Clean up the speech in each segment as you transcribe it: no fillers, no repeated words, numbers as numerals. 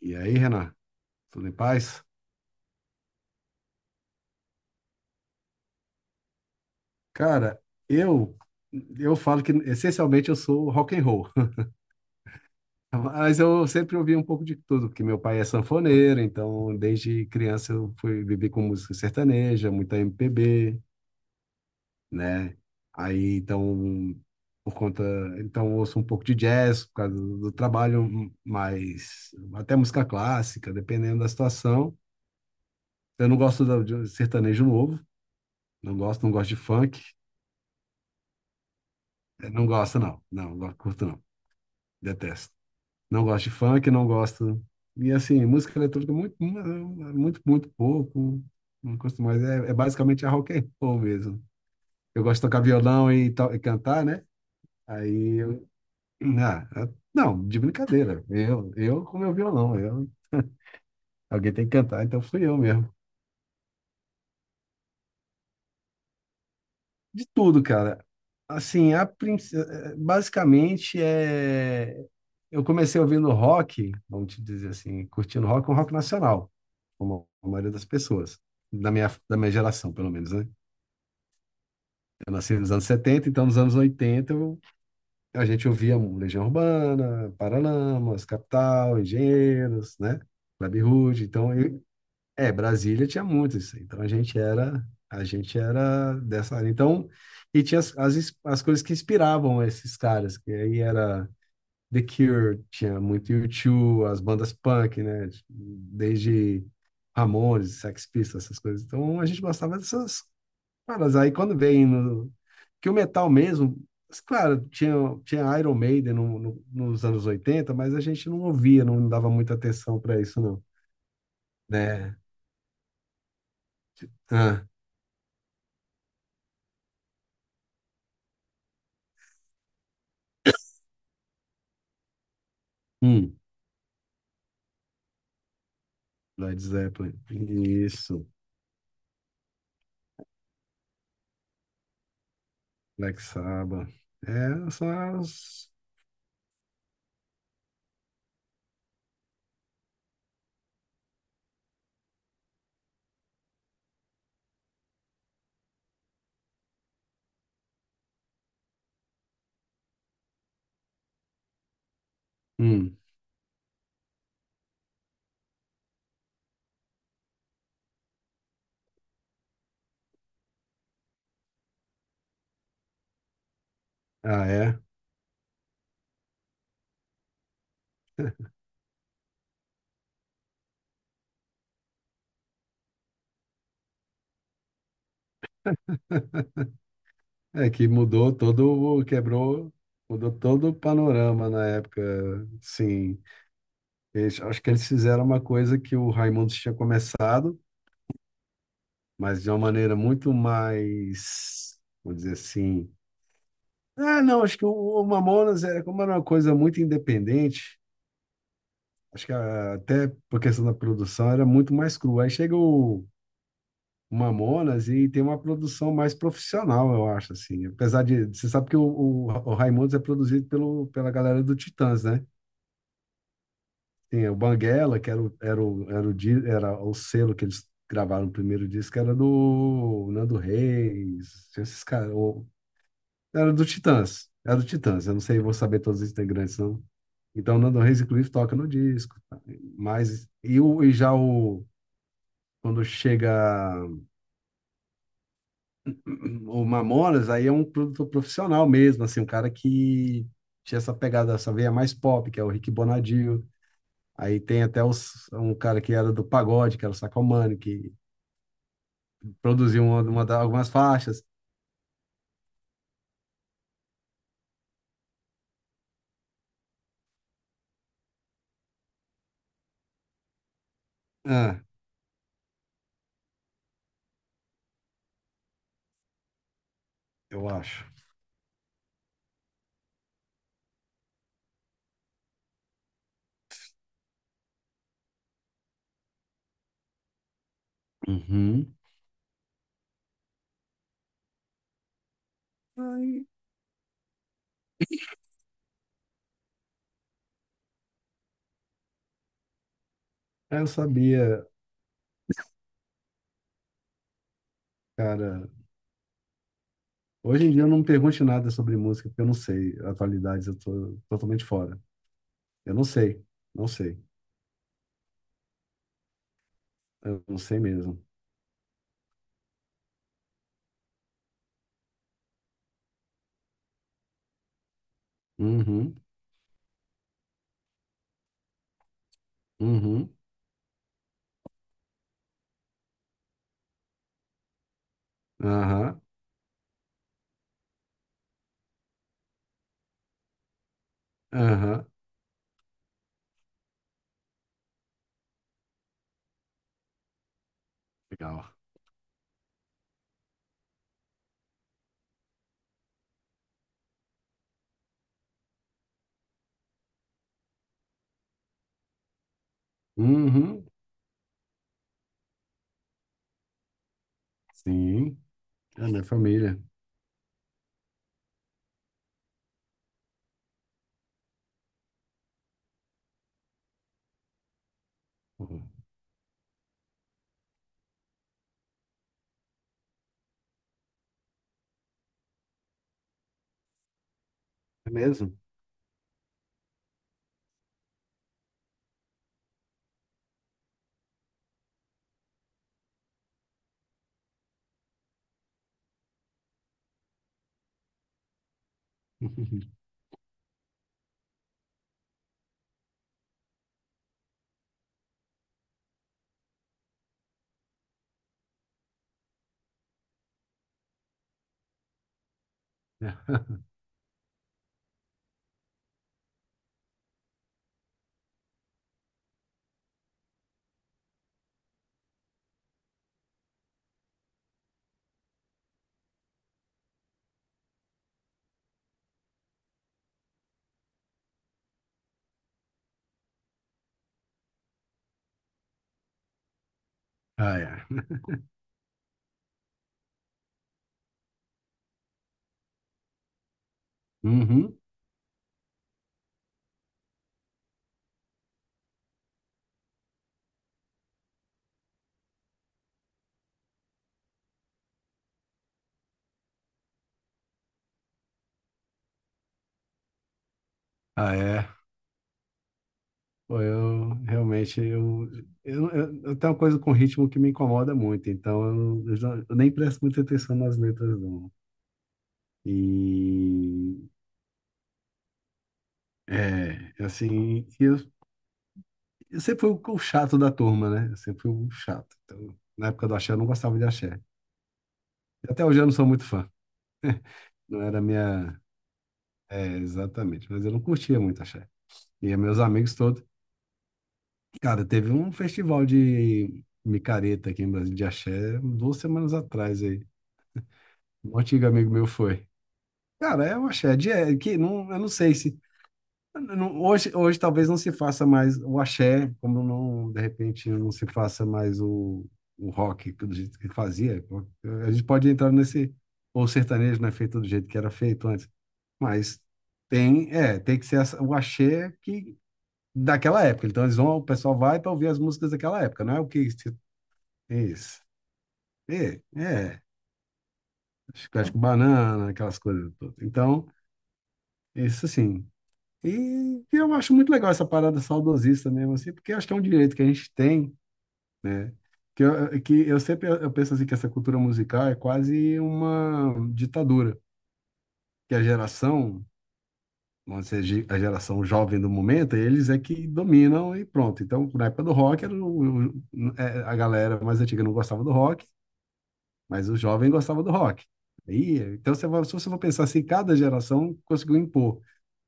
E aí, Renan, tudo em paz? Cara, eu eu falo que essencialmente eu sou rock and roll, mas eu sempre ouvi um pouco de tudo, porque meu pai é sanfoneiro, então desde criança eu fui viver com música sertaneja, muita MPB, né? Aí então por conta, então eu ouço um pouco de jazz por causa do trabalho, mas até música clássica, dependendo da situação. Eu não gosto de sertanejo novo, não gosto, não gosto de funk. É, não gosto, não. Não, não curto, não. Detesto. Não gosto de funk, não gosto. E assim, música eletrônica muito, muito, muito pouco. Não gosto mais. É basicamente a rock and roll mesmo. Eu gosto de tocar violão e cantar, né? Aí eu. Ah, não, de brincadeira. Eu com meu violão. Eu, alguém tem que cantar, então fui eu mesmo. De tudo, cara. Assim, a princ- eh, eh, basicamente é. Eu comecei ouvindo rock, vamos te dizer assim, curtindo rock, um rock nacional, como a maioria das pessoas, da minha geração, pelo menos, né? Eu nasci nos anos 70, então nos anos 80 a gente ouvia um Legião Urbana, Paralamas, Capital, Engenheiros, né? Clube Rude. Então eu, é, Brasília tinha muito isso aí. Então a gente era dessa área. Então, e tinha as coisas que inspiravam esses caras, que aí era The Cure, tinha muito U2, as bandas punk, né? Desde Ramones, Sex Pistols, essas coisas. Então a gente gostava dessas caras. Aí quando vem no que o metal mesmo, mas, claro, tinha Iron Maiden nos anos 80, mas a gente não ouvia, não dava muita atenção para isso, não, né? Ah, hum. Led Zeppelin. Isso. Black Sabbath. É, só as. Hum. Ah, é? É que mudou todo, quebrou, mudou todo o panorama na época. Sim, eles, acho que eles fizeram uma coisa que o Raimundos tinha começado, mas de uma maneira muito mais, vou dizer assim. Ah, não, acho que o Mamonas era como era uma coisa muito independente. Acho que até por questão da produção era muito mais crua. Aí chega o Mamonas e tem uma produção mais profissional, eu acho, assim. Apesar de, você sabe que o Raimundos é produzido pela galera do Titãs, né? Tem o Banguela, que era o, era o, era o, di- era o selo que eles gravaram o primeiro disco, era do Nando Reis, tinha esses caras, era do Titãs, eu não sei, vou saber todos os integrantes, não. Então, o Nando Reis, inclusive, toca no disco, tá? mas, e, o, e já o, quando chega o Mamonas aí é um produtor profissional mesmo, assim, um cara que tinha essa pegada, essa veia mais pop, que é o Rick Bonadio. Aí tem até um cara que era do pagode, que era o Sacomani, que produziu algumas faixas. Ah, eu acho. Uhum. Aí, aí eu sabia, cara. Hoje em dia eu não me pergunte nada sobre música, porque eu não sei. Atualidades eu tô totalmente fora. Eu não sei, não sei. Eu não sei mesmo. Uhum, uhum, aham, aham. Legal. Uhum, sim, é da família. Uhum. É mesmo? Ah, é. Uhum. Ah, é. Pô, eu realmente eu tenho uma coisa com ritmo que me incomoda muito, então eu nem presto muita atenção nas letras, não. E é assim, e eu sempre fui o chato da turma, né? Eu sempre fui o chato. Então, na época do axé, eu não gostava de axé. E até hoje eu não sou muito fã. Não era minha. É, exatamente, mas eu não curtia muito axé. E meus amigos todos. Cara, teve um festival de micareta aqui em Brasília de axé 2 semanas atrás aí. Um antigo amigo meu foi. Cara, é o axé de é, que não, eu não sei se hoje talvez não se faça mais o axé, como não de repente não se faça mais o rock do jeito que fazia. A gente pode entrar nesse ou o sertanejo não é feito do jeito que era feito antes, mas tem que ser o axé que daquela época. Então eles vão, o pessoal vai para ouvir as músicas daquela época, não é o que isso. É, acho que banana, aquelas coisas todas. Então, isso assim. E eu acho muito legal essa parada saudosista mesmo assim, porque acho que é um direito que a gente tem, né? Que eu sempre eu penso assim que essa cultura musical é quase uma ditadura, que a geração vamos dizer, a geração jovem do momento, eles é que dominam e pronto. Então, na época do rock, era o- é, a galera mais antiga não gostava do rock, mas o jovem gostava do rock. Aí, então, você se você for pensar assim, cada geração conseguiu impor.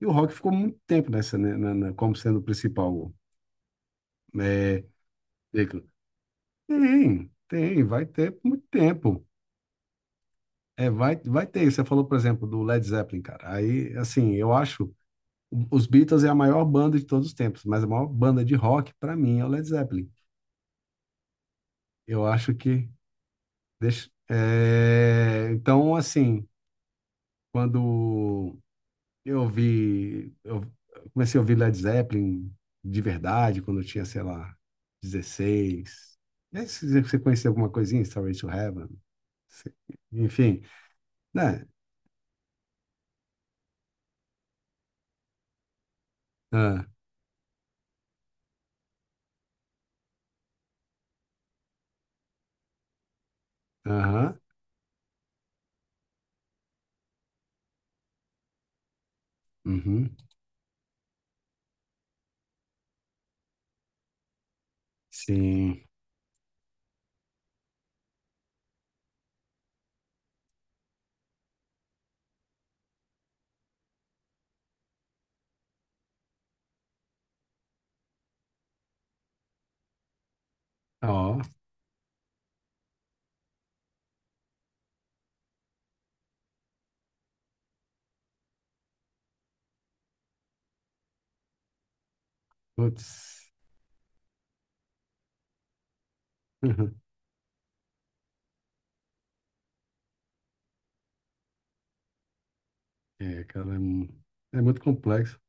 E o rock ficou muito tempo nessa, né, como sendo o principal é, veículo. Tem, vai ter muito tempo. É, vai ter. Você falou, por exemplo, do Led Zeppelin, cara. Aí, assim, eu acho Os Beatles é a maior banda de todos os tempos, mas a maior banda de rock, para mim, é o Led Zeppelin. Eu acho que. Deixa, é, então, assim, quando eu vi. Eu comecei a ouvir Led Zeppelin de verdade, quando eu tinha, sei lá, 16. E aí, se você conhecia alguma coisinha, Starway to Heaven? se- Enfim, né? Ah, aham, uhum, sim. Ó, putz. É, cara, é muito complexo.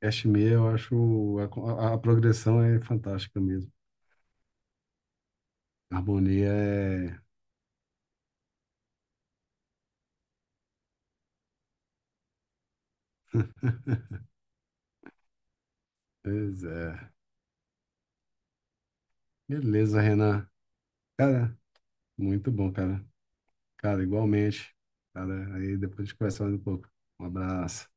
Cashmere, eu acho a progressão é fantástica mesmo. Harmonia é. Pois é. Beleza, Renan. Cara, muito bom, cara. Cara, igualmente. Cara, aí depois a gente conversa mais um pouco. Um abraço.